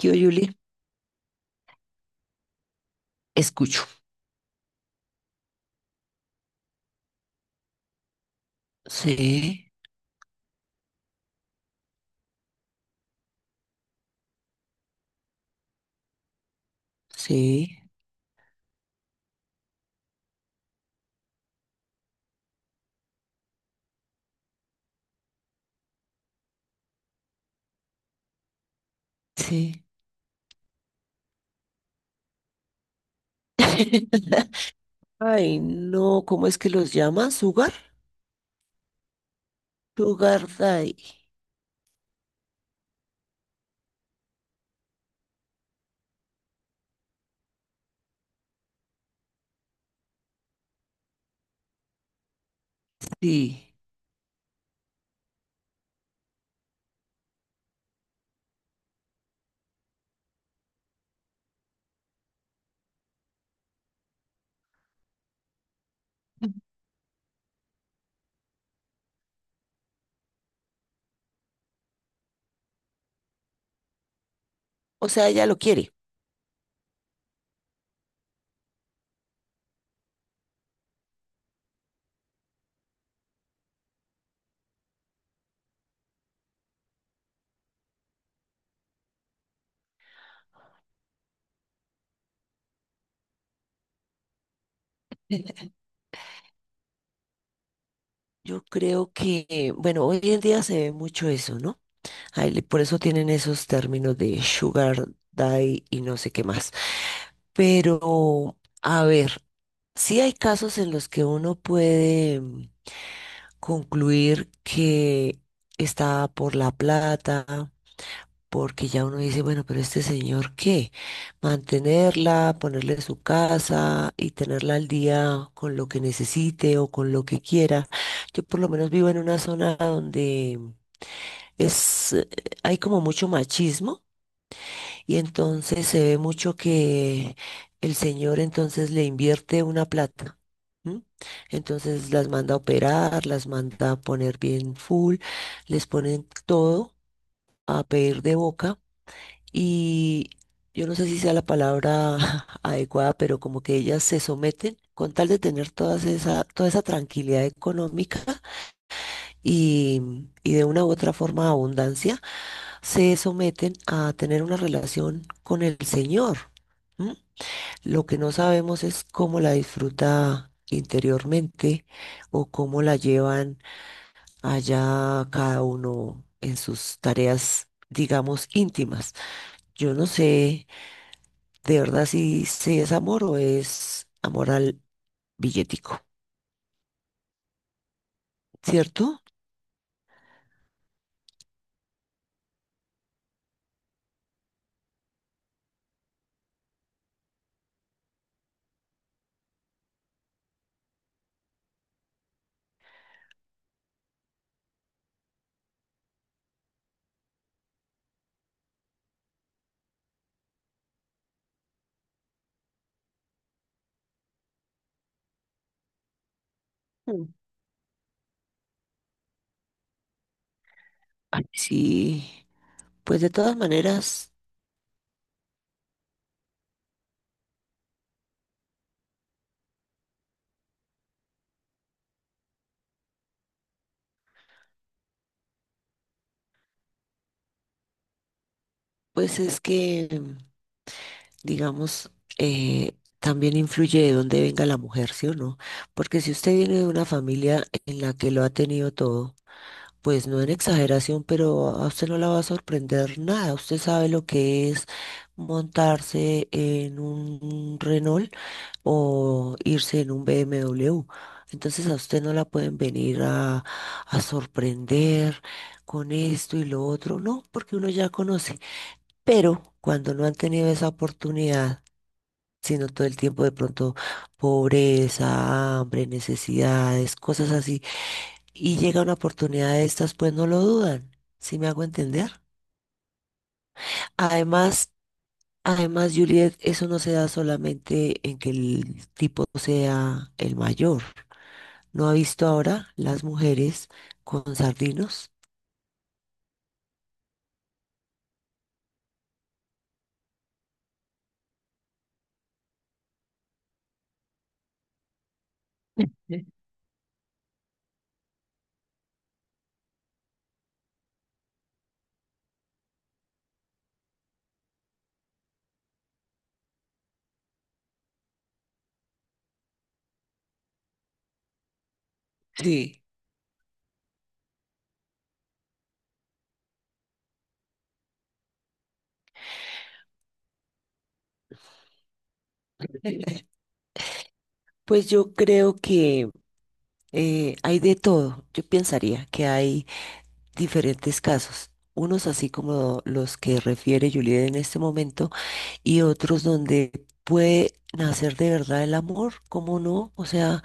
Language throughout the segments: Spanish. Yo, Julie, escucho. Sí, sí, sí. Ay, no, ¿cómo es que los llama? ¿Sugar? Sugar Daddy. Sí. O sea, ella lo quiere. Yo creo que, bueno, hoy en día se ve mucho eso, ¿no? Ay, le- por eso tienen esos términos de Sugar Daddy y no sé qué más. Pero, a ver, sí hay casos en los que uno puede concluir que está por la plata, porque ya uno dice, bueno, pero este señor, ¿qué? Mantenerla, ponerle su casa y tenerla al día con lo que necesite o con lo que quiera. Yo por lo menos vivo en una zona donde es, hay como mucho machismo y entonces se ve mucho que el señor entonces le invierte una plata. ¿M? Entonces las manda a operar, las manda a poner bien full, les ponen todo a pedir de boca y yo no sé si sea la palabra adecuada, pero como que ellas se someten con tal de tener toda esa tranquilidad económica y, y de una u otra forma abundancia, se someten a tener una relación con el señor. ¿M? Lo que no sabemos es cómo la disfruta interiormente o cómo la llevan allá cada uno en sus tareas, digamos, íntimas. Yo no sé de verdad si, si es amor o es amor al billetico, ¿cierto? Mm. Ay, sí, pues de todas maneras, pues es que digamos, eh, también influye de dónde venga la mujer, ¿sí o no? Porque si usted viene de una familia en la que lo ha tenido todo, pues no en exageración, pero a usted no la va a sorprender nada. Usted sabe lo que es montarse en un Renault o irse en un BMW. Entonces a usted no la pueden venir a sorprender con esto y lo otro, no, porque uno ya conoce. Pero cuando no han tenido esa oportunidad, sino todo el tiempo de pronto pobreza, hambre, necesidades, cosas así. Y llega una oportunidad de estas, pues no lo dudan, ¿si me hago entender? Además, además, Juliet, eso no se da solamente en que el tipo sea el mayor. ¿No ha visto ahora las mujeres con sardinos? Sí. Pues yo creo que hay de todo. Yo pensaría que hay diferentes casos, unos así como los que refiere Juliet en este momento y otros donde puede nacer de verdad el amor, ¿cómo no? O sea,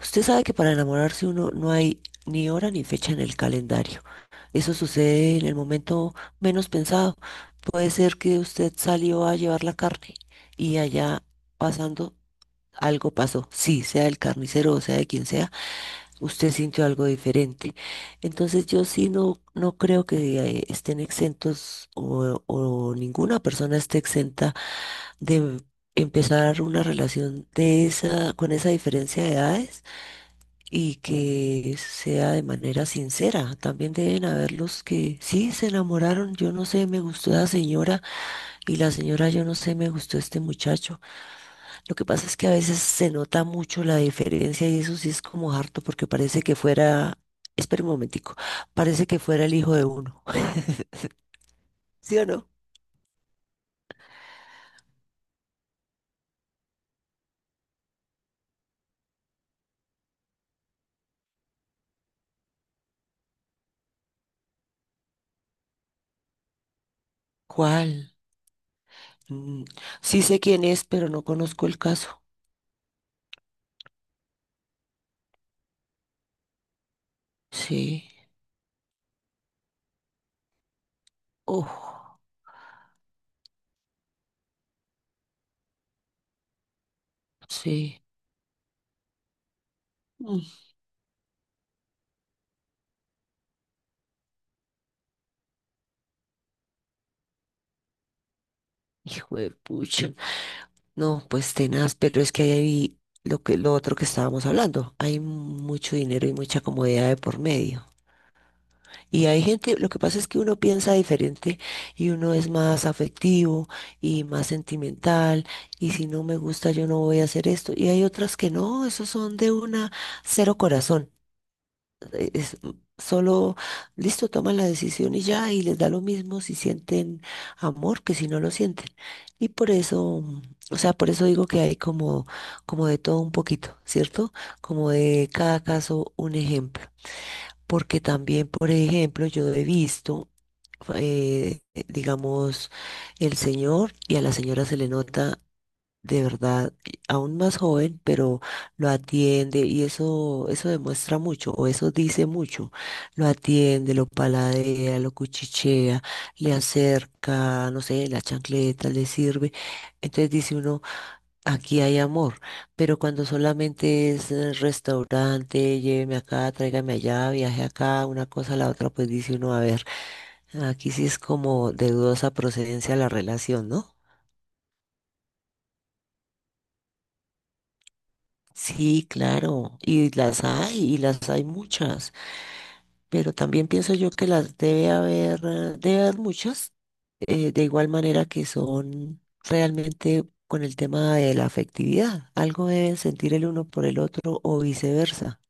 usted sabe que para enamorarse uno no hay ni hora ni fecha en el calendario. Eso sucede en el momento menos pensado. Puede ser que usted salió a llevar la carne y allá pasando algo pasó, sí, sea el carnicero o sea de quien sea, usted sintió algo diferente. Entonces yo sí no, no creo que estén exentos o ninguna persona esté exenta de empezar una relación de esa, con esa diferencia de edades y que sea de manera sincera. También deben haber los que sí se enamoraron, yo no sé, me gustó la señora y la señora, yo no sé, me gustó este muchacho. Lo que pasa es que a veces se nota mucho la diferencia y eso sí es como harto porque parece que fuera, espera un momentico, parece que fuera el hijo de uno. ¿Sí o no? ¿Cuál? Mm, sí sé quién es, pero no conozco el caso. Sí. Oh, sí. Mm, hijo de pucha. No, pues tenaz, pero es que ahí hay lo que, lo otro que estábamos hablando. Hay mucho dinero y mucha comodidad de por medio. Y hay gente, lo que pasa es que uno piensa diferente y uno es más afectivo y más sentimental y si no me gusta yo no voy a hacer esto. Y hay otras que no, esos son de una cero corazón. Es solo, listo, toman la decisión y ya y les da lo mismo si sienten amor que si no lo sienten. Y por eso, mm, o sea, por eso digo que hay como, como de todo un poquito, ¿cierto? Como de cada caso un ejemplo. Porque también, por ejemplo, yo he visto eh, digamos, el señor y a la señora se le nota de verdad aún más joven, pero lo atiende y eso demuestra mucho o eso dice mucho. Lo atiende, lo paladea, lo cuchichea, le acerca, no sé, la chancleta le sirve. Entonces dice uno, aquí hay amor, pero cuando solamente es restaurante, lléveme acá, tráigame allá, viaje acá, una cosa a la otra, pues dice uno, a ver, aquí sí es como de dudosa procedencia la relación, ¿no? Sí, claro, y las hay muchas, pero también pienso yo que las debe haber muchas, de igual manera que son realmente con el tema de la afectividad, algo deben sentir el uno por el otro o viceversa.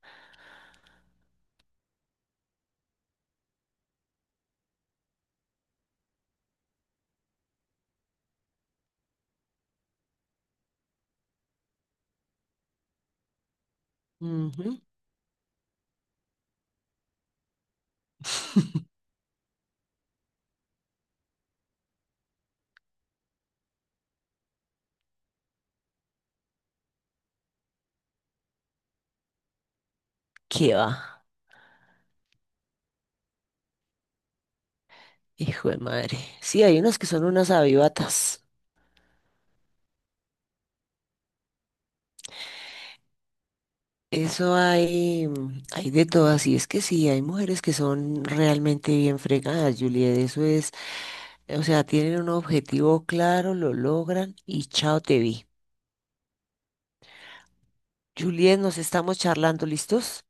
¿Qué va? Hijo de madre. Sí, hay unos que son unas avivatas. Eso hay, mm, hay de todas. Y es que sí, hay mujeres que son realmente bien fregadas, Juliet. Eso es, o sea, tienen un objetivo claro, lo logran y chao te vi. Juliet, nos estamos charlando, ¿listos?